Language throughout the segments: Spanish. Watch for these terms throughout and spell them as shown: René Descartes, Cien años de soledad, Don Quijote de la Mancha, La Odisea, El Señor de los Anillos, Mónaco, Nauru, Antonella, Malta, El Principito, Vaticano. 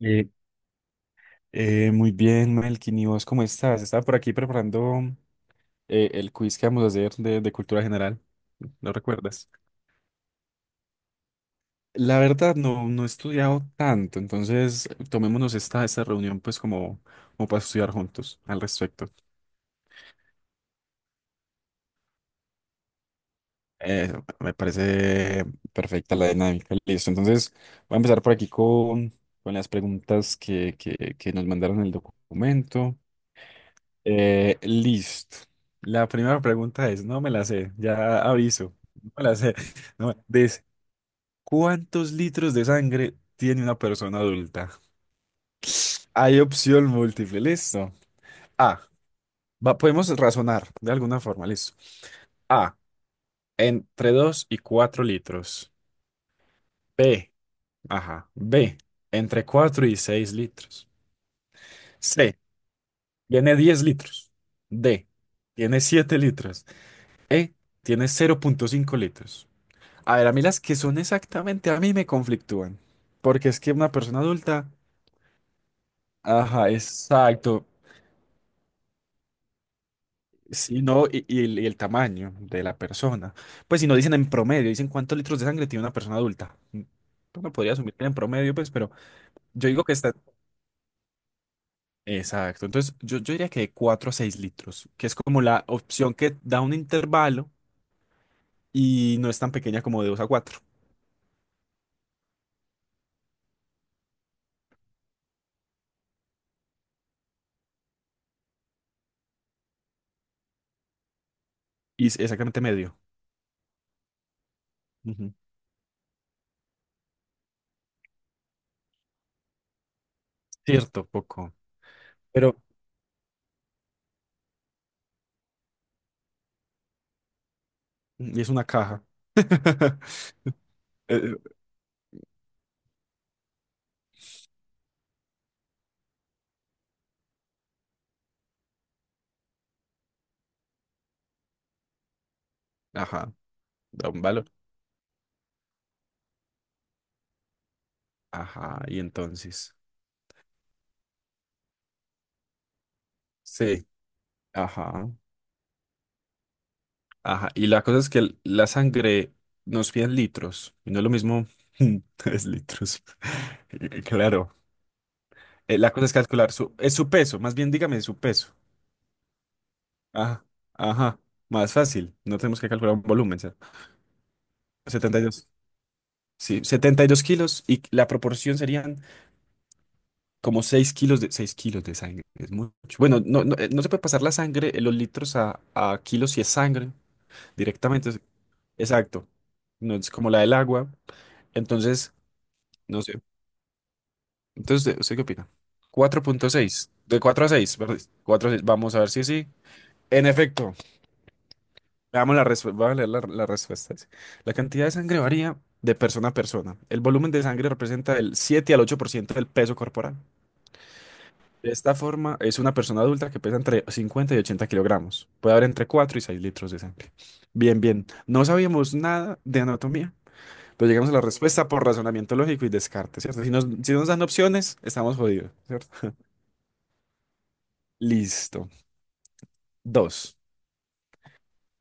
Eh, Muy bien, Melkin, ¿y vos cómo estás? Estaba por aquí preparando el quiz que vamos a hacer de cultura general. ¿Lo recuerdas? La verdad, no he estudiado tanto, entonces tomémonos esta reunión, pues, como para estudiar juntos al respecto. Eh, Me parece perfecta la dinámica. Listo, entonces voy a empezar por aquí con las preguntas que nos mandaron en el documento. Listo. La primera pregunta es, no me la sé, ya aviso, no me la sé. No, ¿cuántos litros de sangre tiene una persona adulta? Hay opción múltiple, listo. A, podemos razonar de alguna forma, listo. A, entre 2 y 4 litros. B, ajá, B, entre 4 y 6 litros. C, tiene 10 litros. D, tiene 7 litros. E, tiene 0,5 litros. A ver, a mí las que son exactamente a mí me conflictúan. Porque es que una persona adulta, ajá, exacto. Si no, y el tamaño de la persona. Pues si no dicen en promedio, dicen cuántos litros de sangre tiene una persona adulta. Uno podría asumir que en promedio, pues, pero yo digo que está. Exacto. Entonces, yo diría que de 4 a 6 litros, que es como la opción que da un intervalo y no es tan pequeña como de 2 a 4. Y es exactamente medio. Ujú. Cierto, poco. Pero, y es una caja. Eh, Ajá, da un valor. Ajá, y entonces. Sí. Ajá, ajá. Y la cosa es que la sangre nos piden litros, y no es lo mismo tres litros. Claro. La cosa es calcular es su peso, más bien dígame su peso. Ajá, ajá. Más fácil, no tenemos que calcular un volumen, ¿cierto? Setenta y dos. Sí, 72 kilos y la proporción serían como seis kilos de sangre. Es mucho. Bueno, no se puede pasar la sangre, los litros a kilos si es sangre. Directamente. Exacto. No es como la del agua. Entonces, no sé. Entonces, ¿usted qué opina? Cuatro punto 6 De 4 a seis, perdón. 4 a 6. Vamos a ver si sí. En efecto. Veamos la respuesta. Voy a leer la respuesta. Dice, la cantidad de sangre varía de persona a persona. El volumen de sangre representa el 7 al 8% del peso corporal. De esta forma, es una persona adulta que pesa entre 50 y 80 kilogramos. Puede haber entre 4 y 6 litros de sangre. Bien, bien. No sabíamos nada de anatomía. Pero llegamos a la respuesta por razonamiento lógico y descarte, ¿cierto? Si nos dan opciones, estamos jodidos, ¿cierto? Listo. Dos.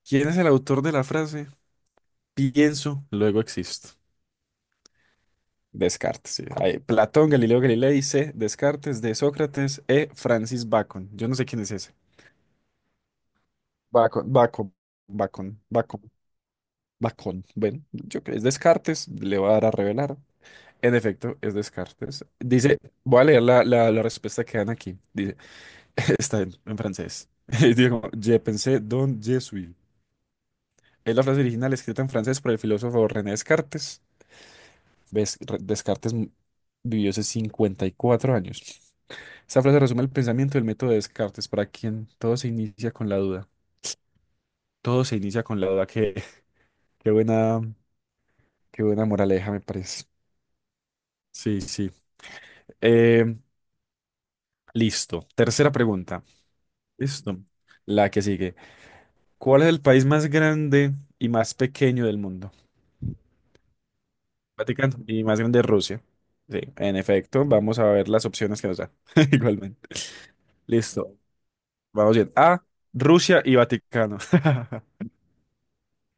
¿Quién es el autor de la frase? Pienso, luego existo. Descartes, sí. Ahí, Platón, Galileo Galilei, C. Descartes, D. Sócrates, E. Francis Bacon. Yo no sé quién es ese. Bacon, Bacon, Bacon, Bacon, Bacon. Bueno, yo creo que es Descartes, le voy a dar a revelar. En efecto, es Descartes. Dice, voy a leer la respuesta que dan aquí. Dice. Está en francés. Digo, como, je pensé donc je suis. Es la frase original escrita en francés por el filósofo René Descartes. Descartes vivió hace 54 años. Esta frase resume el pensamiento del método de Descartes, para quien todo se inicia con la duda. Todo se inicia con la duda. Qué buena, qué buena moraleja, me parece. Sí, sí. Eh, Listo. Tercera pregunta. Listo. La que sigue. ¿Cuál es el país más grande y más pequeño del mundo? Vaticano y más grande Rusia. Sí, en efecto, vamos a ver las opciones que nos dan. Igualmente. Listo. Vamos bien. A, Rusia y Vaticano.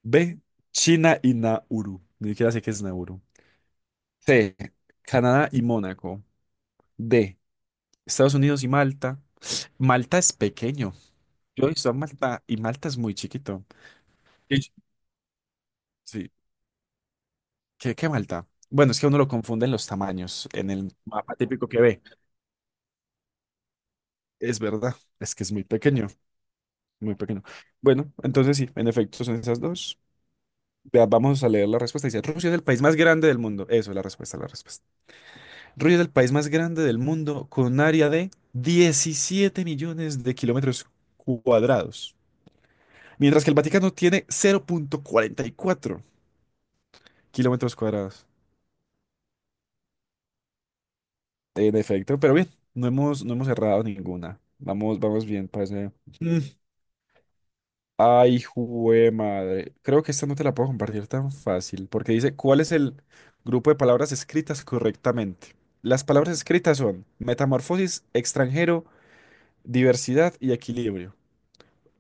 B, China y Nauru. Ni siquiera sé qué es Nauru. C, Canadá y Mónaco. D, Estados Unidos y Malta. Malta es pequeño. Yo he visto a Malta y Malta es muy chiquito. Y- Sí. ¿Qué Malta? Bueno, es que uno lo confunde en los tamaños, en el mapa típico que ve. Es verdad, es que es muy pequeño. Muy pequeño. Bueno, entonces sí, en efecto, son esas dos. Vea, vamos a leer la respuesta. Dice, Rusia es el país más grande del mundo. Eso es la respuesta, la respuesta. Rusia es el país más grande del mundo con un área de 17 millones de kilómetros cuadrados. Mientras que el Vaticano tiene 0,44 kilómetros cuadrados. En efecto, pero bien, no hemos errado ninguna. Vamos bien, parece. Ay, jue madre. Creo que esta no te la puedo compartir tan fácil, porque dice, ¿cuál es el grupo de palabras escritas correctamente? Las palabras escritas son metamorfosis, extranjero, diversidad y equilibrio.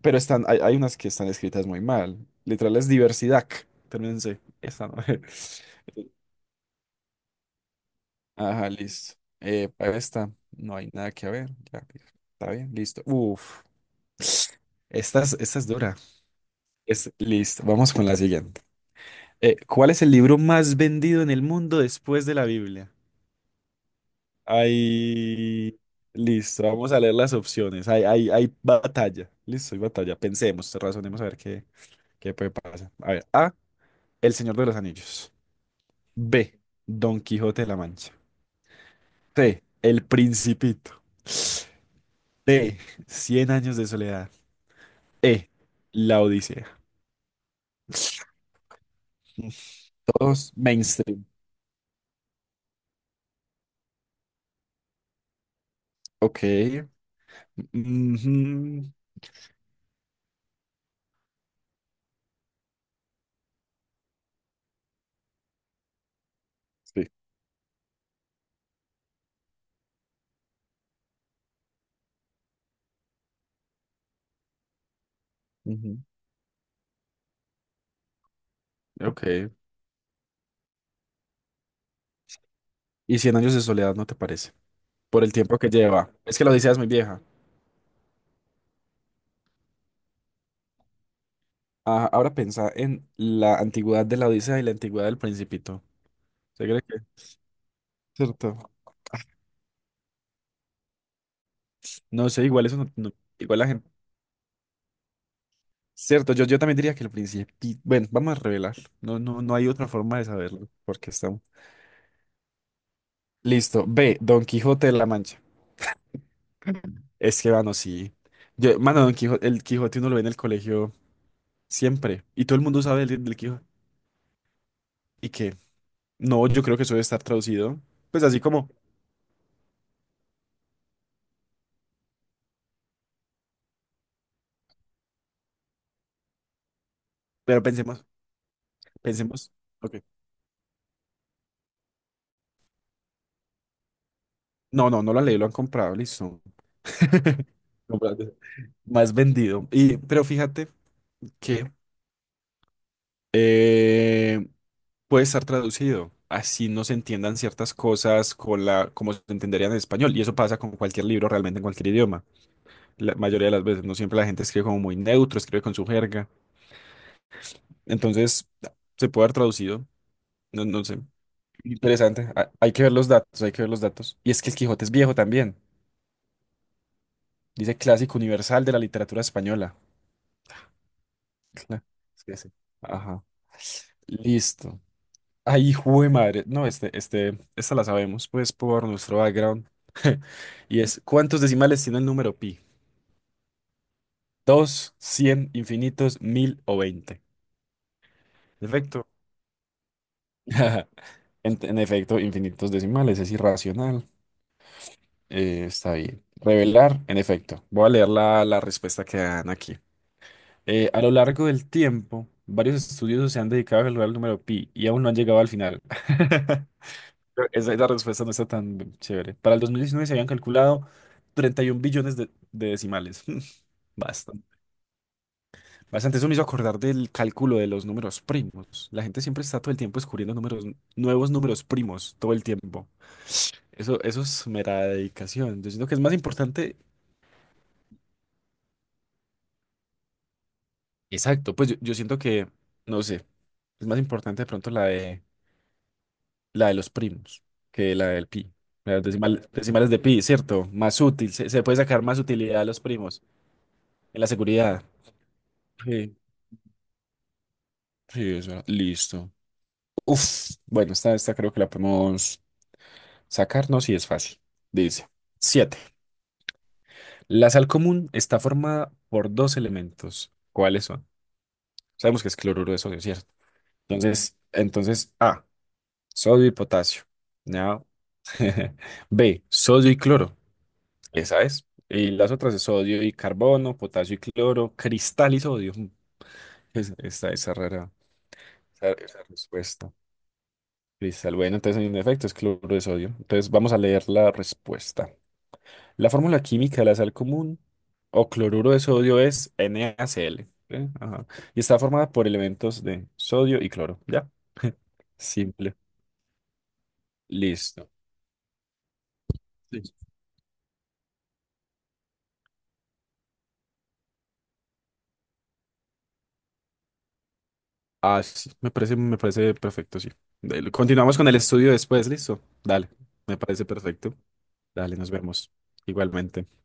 Pero hay unas que están escritas muy mal. Literal es diversidad. Termínense. Esa no. Ajá, listo. Para esta no hay nada que ver. Ya, está bien, listo. Uf, esta es dura. Es listo. Vamos con la siguiente. ¿Cuál es el libro más vendido en el mundo después de la Biblia? Ahí, listo, vamos a leer las opciones. Hay batalla, listo, hay batalla. Pensemos, razonemos a ver qué puede pasar. A ver, A, El Señor de los Anillos. B, Don Quijote de la Mancha. C, El Principito. D, Cien años de soledad. E, La Odisea. Todos mainstream. Ok. Ujú. Sí. Ujú. Ok. Y Cien años de soledad, ¿no te parece? Por el tiempo que lleva. Es que la Odisea es muy vieja. Ah, ahora piensa en la antigüedad de la Odisea y la antigüedad del Principito. ¿Se cree que? Cierto. No sé, igual eso no, igual la gente. Cierto, yo también diría que el Principito. Bueno, vamos a revelar. No, no, no hay otra forma de saberlo. Porque estamos. Listo. B. Don Quijote de la Mancha. Es que, mano, sí. Yo, mano, el Quijote uno lo ve en el colegio siempre. Y todo el mundo sabe del Quijote. ¿Y qué? No, yo creo que eso debe estar traducido. Pues así como. Pero pensemos, pensemos. Ok. No, no, no lo han leído, lo han comprado, listo. Comprado. Más vendido. Pero fíjate que eh, puede estar traducido. Así no se entiendan ciertas cosas con la, como se entenderían en español. Y eso pasa con cualquier libro, realmente en cualquier idioma. La mayoría de las veces, no siempre la gente escribe como muy neutro, escribe con su jerga. Entonces, se puede haber traducido. No, no sé. Interesante. Hay que ver los datos, hay que ver los datos. Y es que el Quijote es viejo también. Dice clásico universal de la literatura española. Cla- Es que sí. Ajá. Listo. Ay, jue madre. No, esta la sabemos, pues, por nuestro background. Y es, ¿cuántos decimales tiene el número pi? ¿Dos, cien, infinitos, mil o veinte? Perfecto. En efecto, infinitos decimales, es irracional. Está bien. Revelar, en efecto. Voy a leer la respuesta que dan aquí. A lo largo del tiempo, varios estudiosos se han dedicado a calcular el número pi y aún no han llegado al final. Esa respuesta no está tan chévere. Para el 2019 se habían calculado 31 billones de decimales. Bastante. Bastante. Eso me hizo acordar del cálculo de los números primos. La gente siempre está todo el tiempo descubriendo números, nuevos números primos, todo el tiempo. Eso es mera dedicación. Yo siento que es más importante. Exacto, pues yo siento que, no sé, es más importante de pronto la de los primos, que la del pi. Las decimales de pi, ¿cierto? Más útil, se puede sacar más utilidad a los primos en la seguridad. Sí, sí, esa. Listo. Uf, bueno, esta creo que la podemos sacarnos y es fácil. Dice. Siete. La sal común está formada por dos elementos. ¿Cuáles son? Sabemos que es cloruro de sodio, ¿cierto? Entonces A, sodio y potasio. ¿No? B, sodio y cloro. Esa es. Y las otras es sodio y carbono, potasio y cloro, cristal y sodio. Esa rara, esa respuesta. Cristal. Bueno, entonces en efecto es cloro de sodio. Entonces vamos a leer la respuesta. La fórmula química de la sal común o cloruro de sodio es NaCl. ¿Eh? Ajá. Y está formada por elementos de sodio y cloro. ¿Ya? Simple. Listo. Sí. Ah, sí, me parece perfecto, sí. Continuamos con el estudio después, listo. Dale, me parece perfecto. Dale, nos vemos igualmente.